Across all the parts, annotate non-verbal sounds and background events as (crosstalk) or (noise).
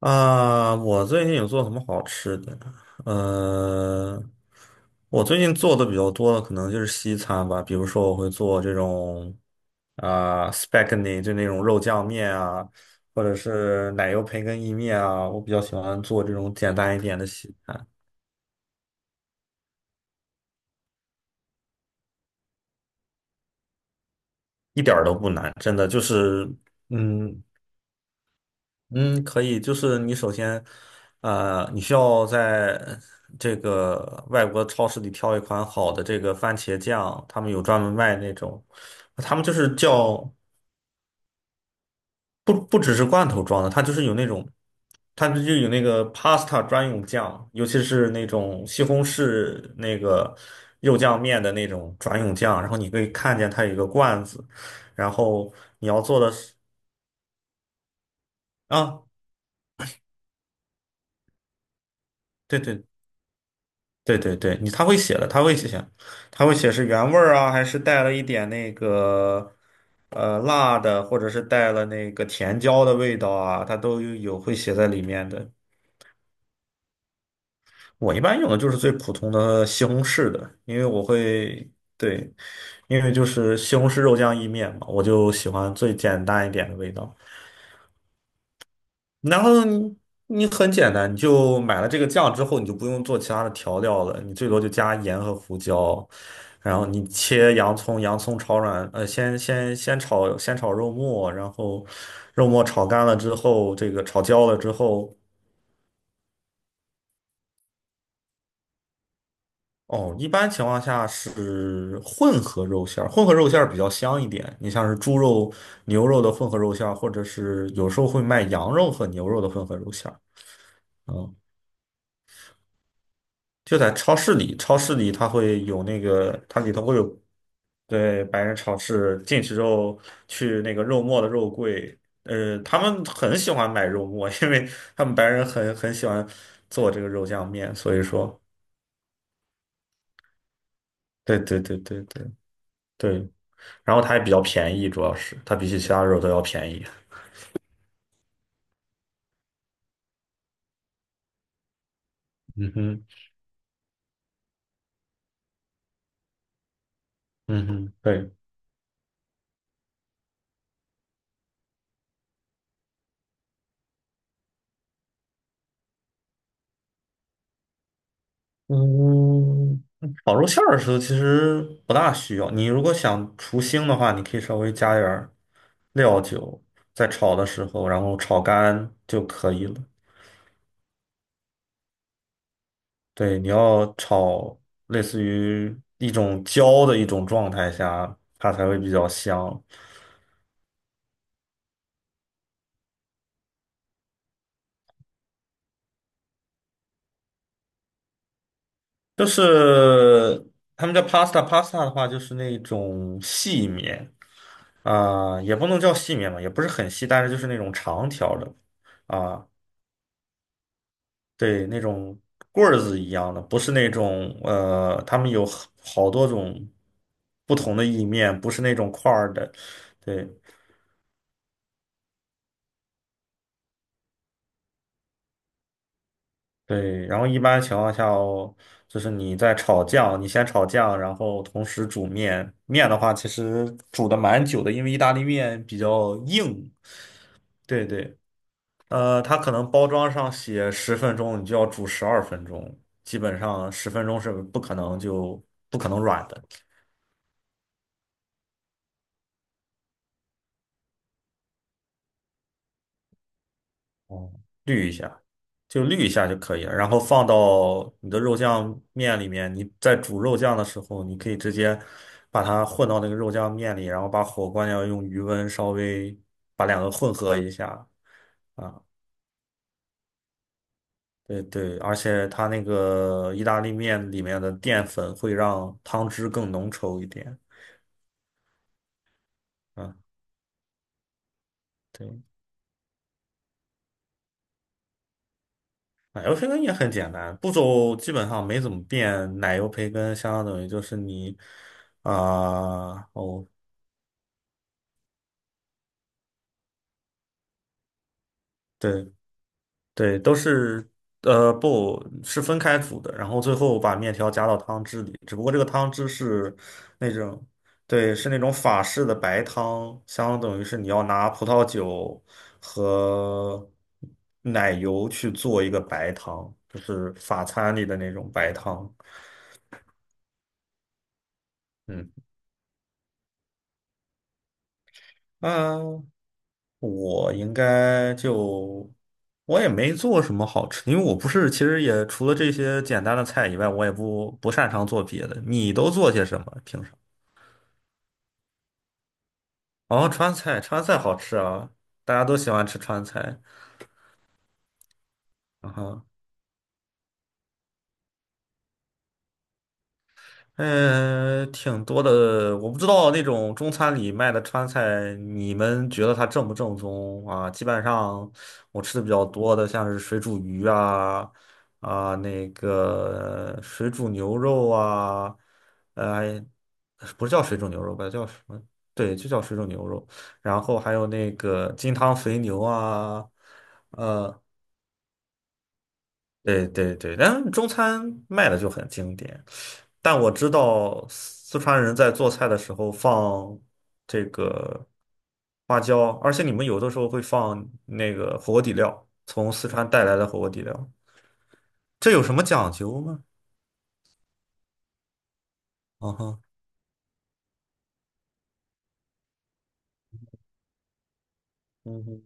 啊，我最近有做什么好吃的？呃，我最近做的比较多的可能就是西餐吧，比如说我会做这种啊、spaghetti，就那种肉酱面啊，或者是奶油培根意面啊，我比较喜欢做这种简单一点的西餐，一点儿都不难，真的就是嗯。嗯，可以，就是你首先，你需要在这个外国超市里挑一款好的这个番茄酱，他们有专门卖那种，他们就是叫不只是罐头装的，它就是有那种，它就有那个 pasta 专用酱，尤其是那种西红柿那个肉酱面的那种专用酱，然后你可以看见它有一个罐子，然后你要做的是啊，对对对对对，你他会写的，他会写，他会写是原味儿啊，还是带了一点那个辣的，或者是带了那个甜椒的味道啊，他都有会写在里面的。我一般用的就是最普通的西红柿的，因为我会，对，因为就是西红柿肉酱意面嘛，我就喜欢最简单一点的味道。然后你很简单，你就买了这个酱之后，你就不用做其他的调料了，你最多就加盐和胡椒，然后你切洋葱，洋葱炒软，先炒肉末，然后肉末炒干了之后，这个炒焦了之后，哦，一般情况下是混合肉馅儿，混合肉馅儿比较香一点。你像是猪肉、牛肉的混合肉馅儿，或者是有时候会卖羊肉和牛肉的混合肉馅儿。嗯，就在超市里，超市里它会有那个，它里头会有对白人超市进去之后去那个肉末的肉柜，他们很喜欢买肉末，因为他们白人很喜欢做这个肉酱面，所以说，对对对对对对，然后它也比较便宜，主要是它比起其他肉都要便宜。嗯哼，嗯哼，对。嗯，烤肉馅儿的时候其实不大需要。你如果想除腥的话，你可以稍微加点儿料酒，在炒的时候，然后炒干就可以了。对，你要炒类似于一种焦的一种状态下，它才会比较香。就是他们叫 pasta，pasta 的话就是那种细面啊、也不能叫细面嘛，也不是很细，但是就是那种长条的。啊。对，那种棍儿子一样的，不是那种他们有好多种不同的意面，不是那种块儿的。对对，然后一般情况下哦，就是你在炒酱，你先炒酱，然后同时煮面。面的话，其实煮的蛮久的，因为意大利面比较硬。对对，它可能包装上写十分钟，你就要煮12分钟，基本上十分钟是不可能就不可能软的。就滤一下就可以了，然后放到你的肉酱面里面。你在煮肉酱的时候，你可以直接把它混到那个肉酱面里，然后把火关掉，用余温稍微把两个混合一下啊。对对，而且它那个意大利面里面的淀粉会让汤汁更浓稠一点。啊，对，奶油培根也很简单，步骤基本上没怎么变。奶油培根相当于就是你啊、哦，对。对，都是不是分开煮的，然后最后把面条加到汤汁里。只不过这个汤汁是那种，对，是那种法式的白汤，相当于是你要拿葡萄酒和奶油去做一个白汤，就是法餐里的那种白汤。嗯，我应该就我也没做什么好吃，因为我不是，其实也除了这些简单的菜以外，我也不擅长做别的。你都做些什么？平常？哦，川菜，川菜好吃啊，大家都喜欢吃川菜。啊哈。嗯，挺多的。我不知道那种中餐里卖的川菜，你们觉得它正不正宗啊？基本上我吃的比较多的，像是水煮鱼啊，啊，那个水煮牛肉啊，呃，不是叫水煮牛肉吧，叫什么？对，就叫水煮牛肉。然后还有那个金汤肥牛啊，呃。对对对，但中餐卖的就很经典。但我知道四川人在做菜的时候放这个花椒，而且你们有的时候会放那个火锅底料，从四川带来的火锅底料，这有什么讲究吗？啊哈，嗯哼，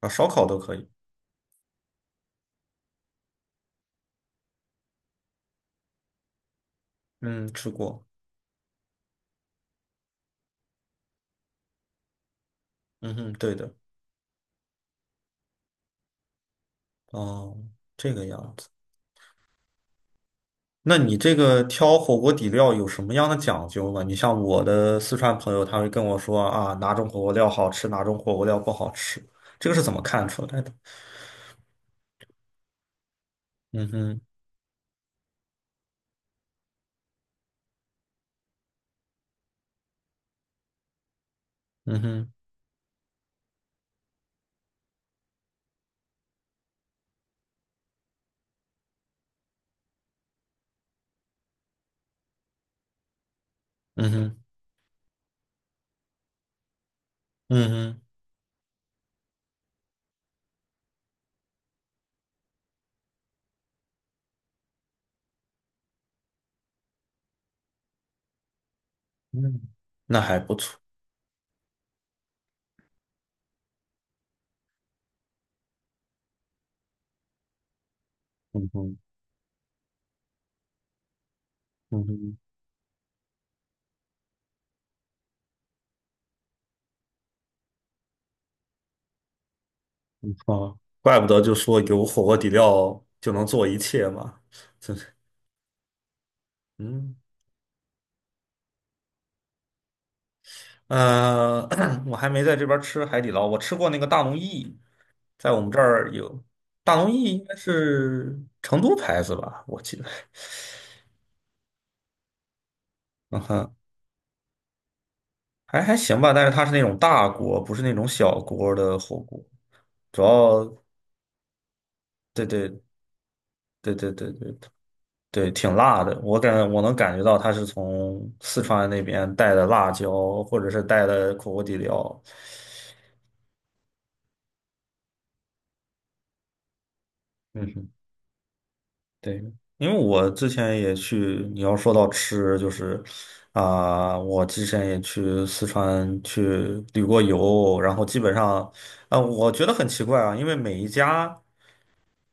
啊，烧烤都可以，嗯，吃过，嗯哼，对的，哦，这个样子。那你这个挑火锅底料有什么样的讲究吗？你像我的四川朋友，他会跟我说啊，哪种火锅料好吃，哪种火锅料不好吃，这个是怎么看出来的？嗯哼，嗯哼，嗯哼，嗯哼，嗯，那还不错。嗯哼，嗯哼，啊，怪不得就说有火锅底料就能做一切嘛，真是，嗯，呃，(coughs) (clears throat) 我还没在这边吃海底捞，我吃过那个大龙燚，在我们这儿有大龙燚，应该是成都牌子吧，我记得。嗯哼，还行吧，但是它是那种大锅，不是那种小锅的火锅。主要，对对对对对对对，挺辣的。我能感觉到它是从四川那边带的辣椒，或者是带的火锅底料。嗯哼。对，因为我之前也去，你要说到吃，就是啊、我之前也去四川去旅过游，然后基本上，啊、我觉得很奇怪啊，因为每一家，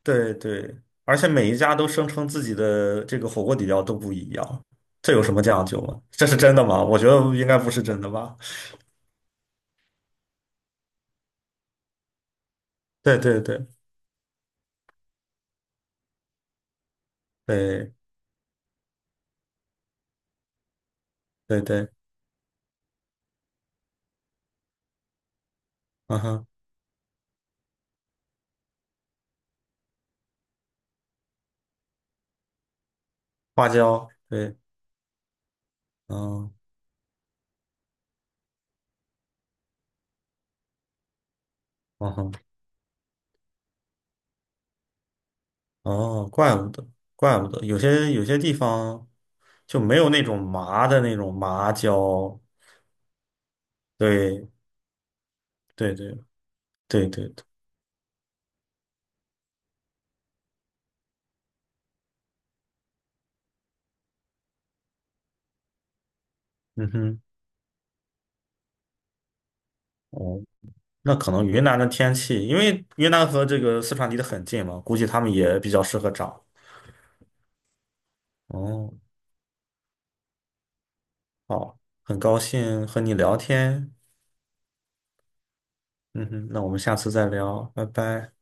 对对，而且每一家都声称自己的这个火锅底料都不一样，这有什么讲究吗？这是真的吗？我觉得应该不是真的吧。对对对对对对，嗯哼，花椒，对，嗯嗯哼。哦，怪不得，怪不得，有些地方就没有那种麻的那种麻椒。对，对，对，对，对，对，嗯哼，哦，那可能云南的天气，因为云南和这个四川离得很近嘛，估计他们也比较适合长。哦，好，很高兴和你聊天。嗯哼，那我们下次再聊，拜拜。